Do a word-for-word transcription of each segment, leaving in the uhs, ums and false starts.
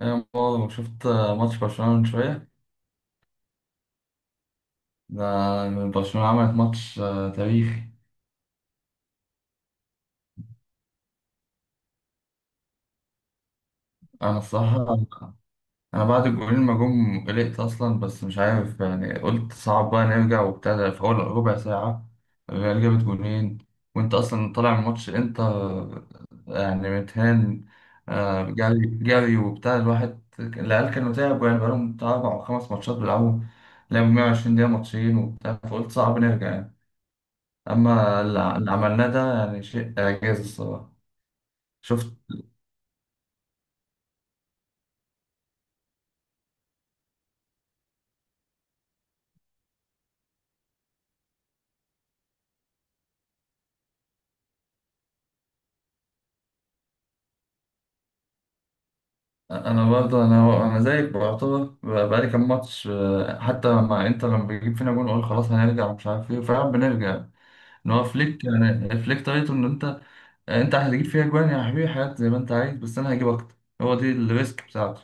انا برضه شفت ماتش برشلونة من شوية. ده برشلونة عملت ماتش آه، تاريخي. انا الصراحة انا بعد الجولين ما جم قلقت اصلا، بس مش عارف يعني، قلت صعب بقى نرجع وبتاع. ده في اول ربع ساعة الريال جابت جولين، وانت اصلا طالع من ماتش، انت يعني متهان، آه، جري جري وبتاع. الواحد العيال كانوا تعبوا يعني، بقالهم بتاع اربع او خمس ماتشات بيلعبوا، لعبوا 120 دقيقة ماتشين وبتاع، فقلت صعب نرجع يعني. أما اللي اللي عملناه ده يعني شيء إعجاز الصراحة. شفت؟ أنا برضه أنا أنا زيك، بعتبر ب- بقالي كام ماتش، آه، حتى مع إنتر، لما بيجيب فينا جون أقول خلاص هنرجع مش عارف إيه، فعلا بنرجع. إن هو فليك يعني، فليك طريقته إن أنت أنت هتجيب فيها جوان يا حبيبي حاجات زي ما أنت عايز، بس أنا هجيب أكتر. هو دي الريسك بتاعته.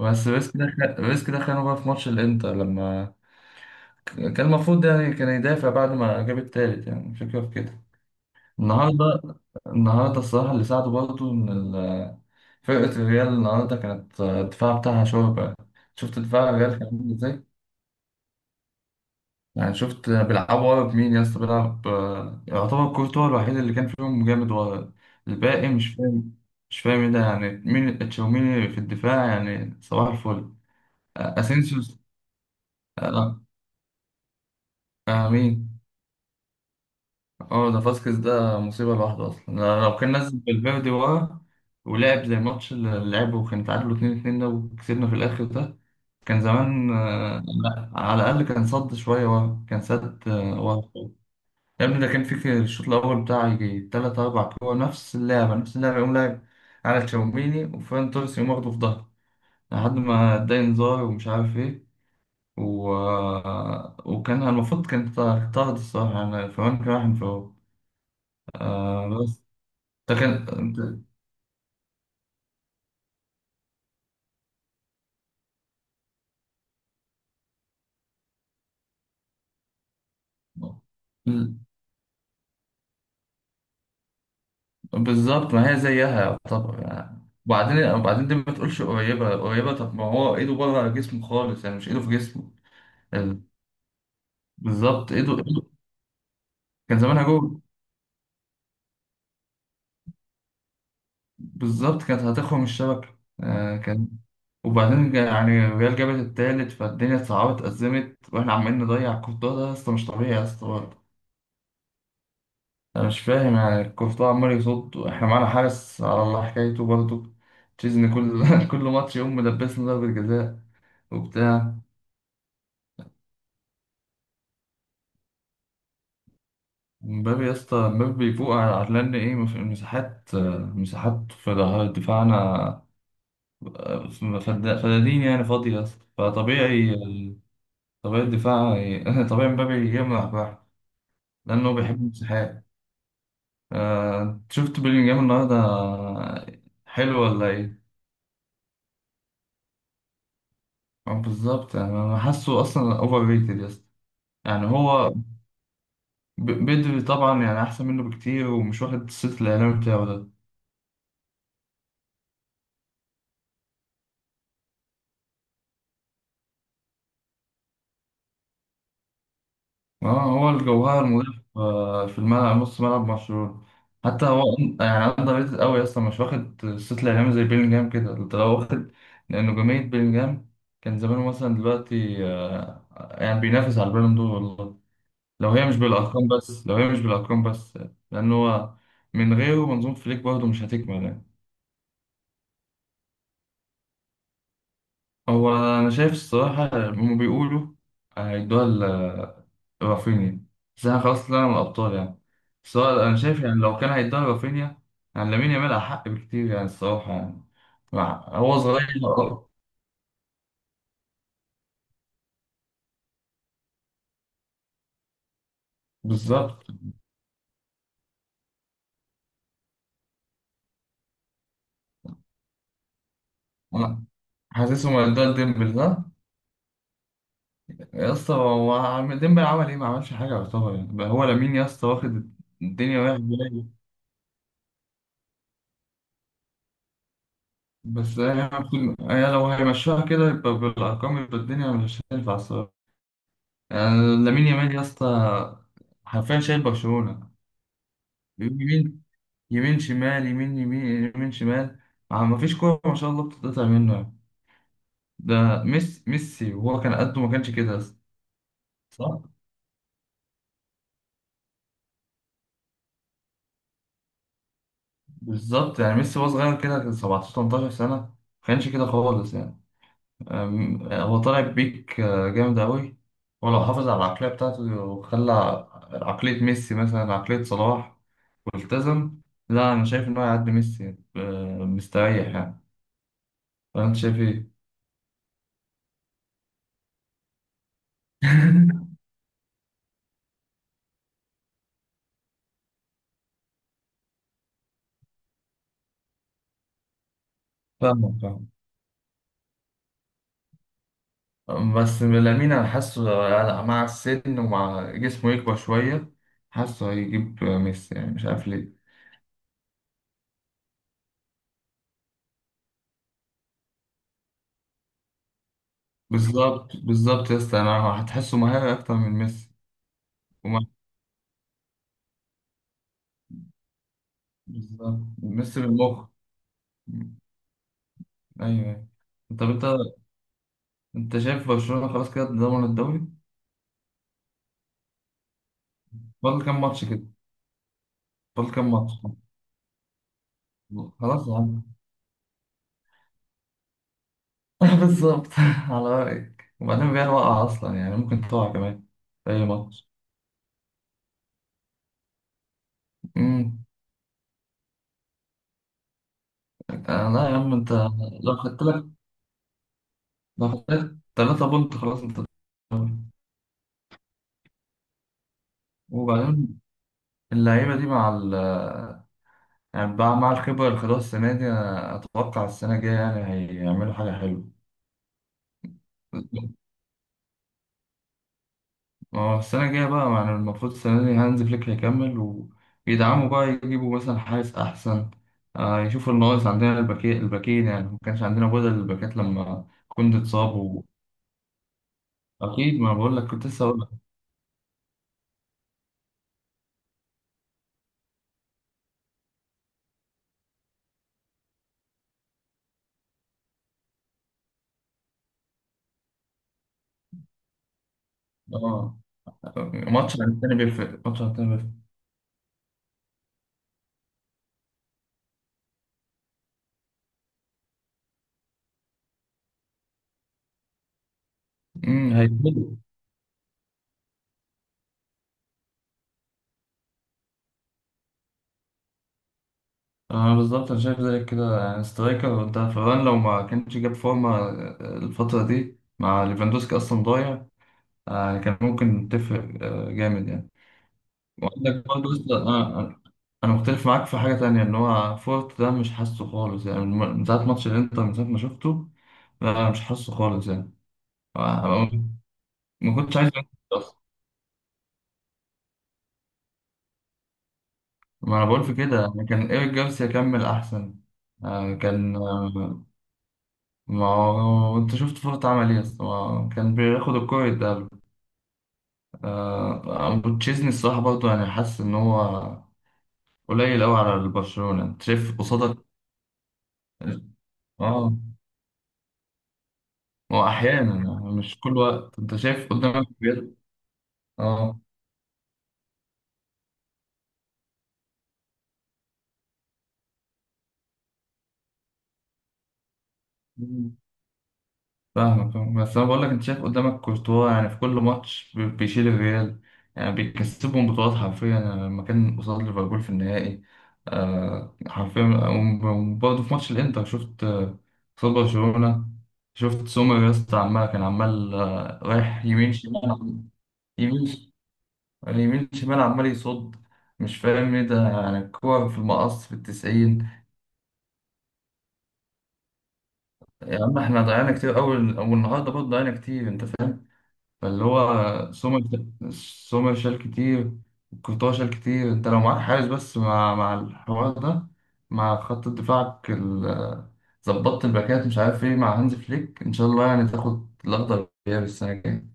بس الريسك ده خ- الريسك ده خانه بقى في ماتش الإنتر، لما ك- كان المفروض يعني كان يدافع بعد ما جاب التالت، يعني الفكرة في كده. النهارده النهارده الصراحة اللي ساعده برضه إن فرقة الريال النهاردة كانت، آه، الدفاع بتاعها شوربة. شفت دفاع الريال كان عامل ازاي؟ يعني شفت بيلعبوا ورا بمين يا اسطى؟ بيلعب آه، يعتبر كورتوا الوحيد اللي كان فيهم جامد ورا. الباقي مش فاهم، مش فاهم ايه ده يعني. مين تشاوميني في الدفاع؟ يعني صباح الفل. آه، اسينسيوس. آه، آه، مين؟ اه ده فاسكيز، ده مصيبة لوحده أصلا. لو لو كان نزل بالفيردي ورا، ولعب زي الماتش اللي لعبه وكان تعادلوا اتنين اتنين ده وكسبنا في الآخر ده، كان زمان آه، لا، على الأقل كان صد شوية، وهم كان سد آه، وهم. يا ابني ده كان في الشوط الأول بتاع يجي تلات أربع كورة، نفس اللعبة نفس اللعبة، يقوم لاعب على تشاوميني وفان توريس يقوم واخده في ظهره، لحد ما اداني انذار ومش عارف ايه. و... آه، وكان المفروض كان طرد الصراحة، يعني فرانك راح انفراد، آه بس ده كان، آه، بالظبط. ما هي زيها طب يعني. وبعدين وبعدين دي ما تقولش قريبة قريبة، طب ما هو ايده بره جسمه خالص، يعني مش ايده في جسمه. ال- بالظبط، ايده ايده. كان زمانها جوه، بالظبط كانت هتخرم الشبكة. آه كان وبعدين جا- يعني الريال جابت التالت، فالدنيا اتصعبت أزمت، واحنا عمالين نضيع كورتوا، ده يا اسطى مش طبيعي يا اسطى برضه. انا مش فاهم يعني، كورتوا عمال يصد واحنا معانا حارس على الله حكايته برضه. تشيزني كل كل ماتش يقوم ملبسنا ضربة جزاء وبتاع. مبابي يا اسطى، مبابي بيفوق على، على لان ايه، مف- المساحات، آه، مساحات في ظهر دفاعنا، آه، فد- فدادين يعني، فاضية يا اسطى. فطبيعي، طبيعي الدفاع، ي- طبيعي مبابي يجمع بقى لأنه بيحب المساحات. آه، أنت شفت بيلينجهام النهاردة، حلو ولا ايه؟ آه، بالظبط، يعني أنا حاسه أصلا أوفر ريتد يا اسطى. يعني هو ب- بدري طبعا يعني أحسن منه بكتير، ومش واخد الصيت الإعلامي بتاعه ده. اه، هو الجوهر مضيف آه، في الملعب، نص ملعب مشهور. حتى هو يعني اندر ريتد قوي اصلا، مش واخد الصيت الاعلامي زي بيلينجهام. كده انت لو واخد، لأن نجومية بيلينجهام كان زمانه مثلا دلوقتي آه، يعني بينافس على البالون دور والله، لو هي مش بالارقام بس، لو هي مش بالارقام بس. لان هو من غيره منظومة فليك برضه مش هتكمل يعني. هو انا شايف الصراحة هم بيقولوا هيدوها رافينيا. بس انا خلاص طلعنا من الابطال يعني. بس هو انا شايف يعني، لو كان هيدوها رافينيا يعني لامين يامال احق بكتير يعني الصراحه يعني. مع- هو صغير أه، بالظبط. أنا حاسسه ما ادوها ديمبل ده يا اسطى، هو عم- ديمبل عمل ايه؟ ما عملش حاجه يعتبر يعني. بقى هو لامين يا اسطى واخد الدنيا رايح جاي. بس هي المفروض، هي لو هيمشوها كده يبقى بالارقام يبقى الدنيا مش هتنفع الصراحه يعني. لامين يامال يا اسطى، حرفيا شايل برشلونه يمين، يمين شمال، يمين يمين يمين شمال. ما فيش كورة ما شاء الله بتتقطع منه يعني. ده ميسي، ميسي وهو كان قده ما كانش كده أصلاً. صح، بالظبط. يعني ميسي وهو صغير كده كان سبعتاشر تمنتاشر سنة ما كانش كده خالص يعني. أم- آه، هو طالع بيك آه، جامد أوي. هو لو حافظ على العقلية بتاعته، وخلى عقلية ميسي مثلا، عقلية صلاح، والتزم، لا أنا شايف إن هو هيعدي ميسي آه، مستريح يعني. ولا أنت شايف إيه؟ فاهمك. بس لامين انا حاسه، لا- مع السن ومع جسمه يكبر شويه، حاسه هيجيب ميسي يعني، مش عارف ليه. بالظبط بالظبط يا اسطى، انا هتحسه مهاري اكتر من ميسي. وما بالظبط، ميسي بالمخ. ايوه يعني. طب انت، انت شايف برشلونه خلاص كده ضمن الدوري؟ فاضل كام ماتش كده؟ فاضل كام ماتش؟ خلاص يا عم. بالظبط، على رايك. وبعدين الريال وقع اصلا يعني، ممكن تقع كمان في اي ماتش. امم، آه لا يا عم انت، لو خدت لك ده ثلاثة بونت خلاص، انت بتتطور. وبعدين اللعيبة دي، مع ال، يعني مع مع الخبرة اللي خدوها السنة دي، أنا أتوقع السنة الجاية يعني هيعملوا حاجة حلوة. ما هو السنة الجاية بقى يعني المفروض، السنة دي هانز فليك هيكمل، ويدعموا بقى، يجيبوا مثلا حارس أحسن، آه يشوفوا الناقص عندنا، الباكين الباكين يعني، ما كانش عندنا بدل الباكات لما كنت اتصاب و... أكيد، ما بقول لك، كنت لسه هقول لك. آه، ماتش عن التاني بيفرق، ماتش عن التاني بيفرق. أمم، هيفيد. اه بالظبط، انا شايف زيك كده، يعني سترايكر، انت فران لو ما كانش جاب فورمه الفتره دي مع ليفاندوسكي اصلا ضايع، آه، يعني كان ممكن تفرق آه، جامد يعني. وعندك برضه لسه، انا انا أنا مختلف معاك في حاجه تانية، ان هو فورت ده مش حاسه خالص يعني، من من ساعه ماتش الانتر، من ساعه ما شفته، لا مش حاسه خالص يعني. آه، ما كنتش عايز أنزل أصلاً. ما انا بقول في كده يعني، كان ايريك جارسيا كمل احسن، آه، كان آه، ما هو انت شفت فورت عمل ايه اصلا، هو كان بياخد الكرة يتقابل، آه، ابو تشيزني الصراحة برضه، يعني حاسس ان هو قليل قوي على البرشلونة، انت شايف قصادك. اه، هو احيانا يعني، مش كل وقت. انت شايف قدامك بيض؟ اه. فاهمك فاهمك. بس انا بقول لك، انت شايف قدامك كورتوا، يعني في كل ماتش بي- بيشيل الريال، يعني بيكسبهم بطولات حرفيا يعني، لما كان قصاد ليفربول في النهائي، آه حرفيا. وبرضه في ماتش الانتر شفت، آه، قصاد برشلونة شفت سومر يا اسطى عمال، كان عمال آه، رايح يمين شمال، يمين ش- يمين شمال عمال يصد، مش فاهم ايه ده يعني، الكور في المقص في التسعين. يا عم احنا ضيعنا كتير اول، والنهارده برضه ضيعنا كتير انت. فاللي هو سمر، سمر شال كتير، كورتوا شال كتير. انت لو معاك حارس بس مع مع الحوار ده، مع خط دفاعك ال- ظبطت الباكات مش عارف ايه مع هانز فليك، ان شاء الله يعني تاخد الاخضر واليابس السنه الجايه.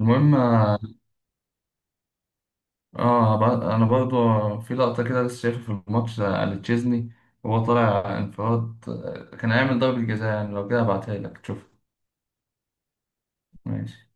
المهم، اه، ب- انا برضو في لقطه كده لسه شايفها في الماتش على تشيزني، وهو طالع انفراد آه، كان هيعمل ضربه جزاء يعني لو كده، هبعتها لك تشوف. ماشي.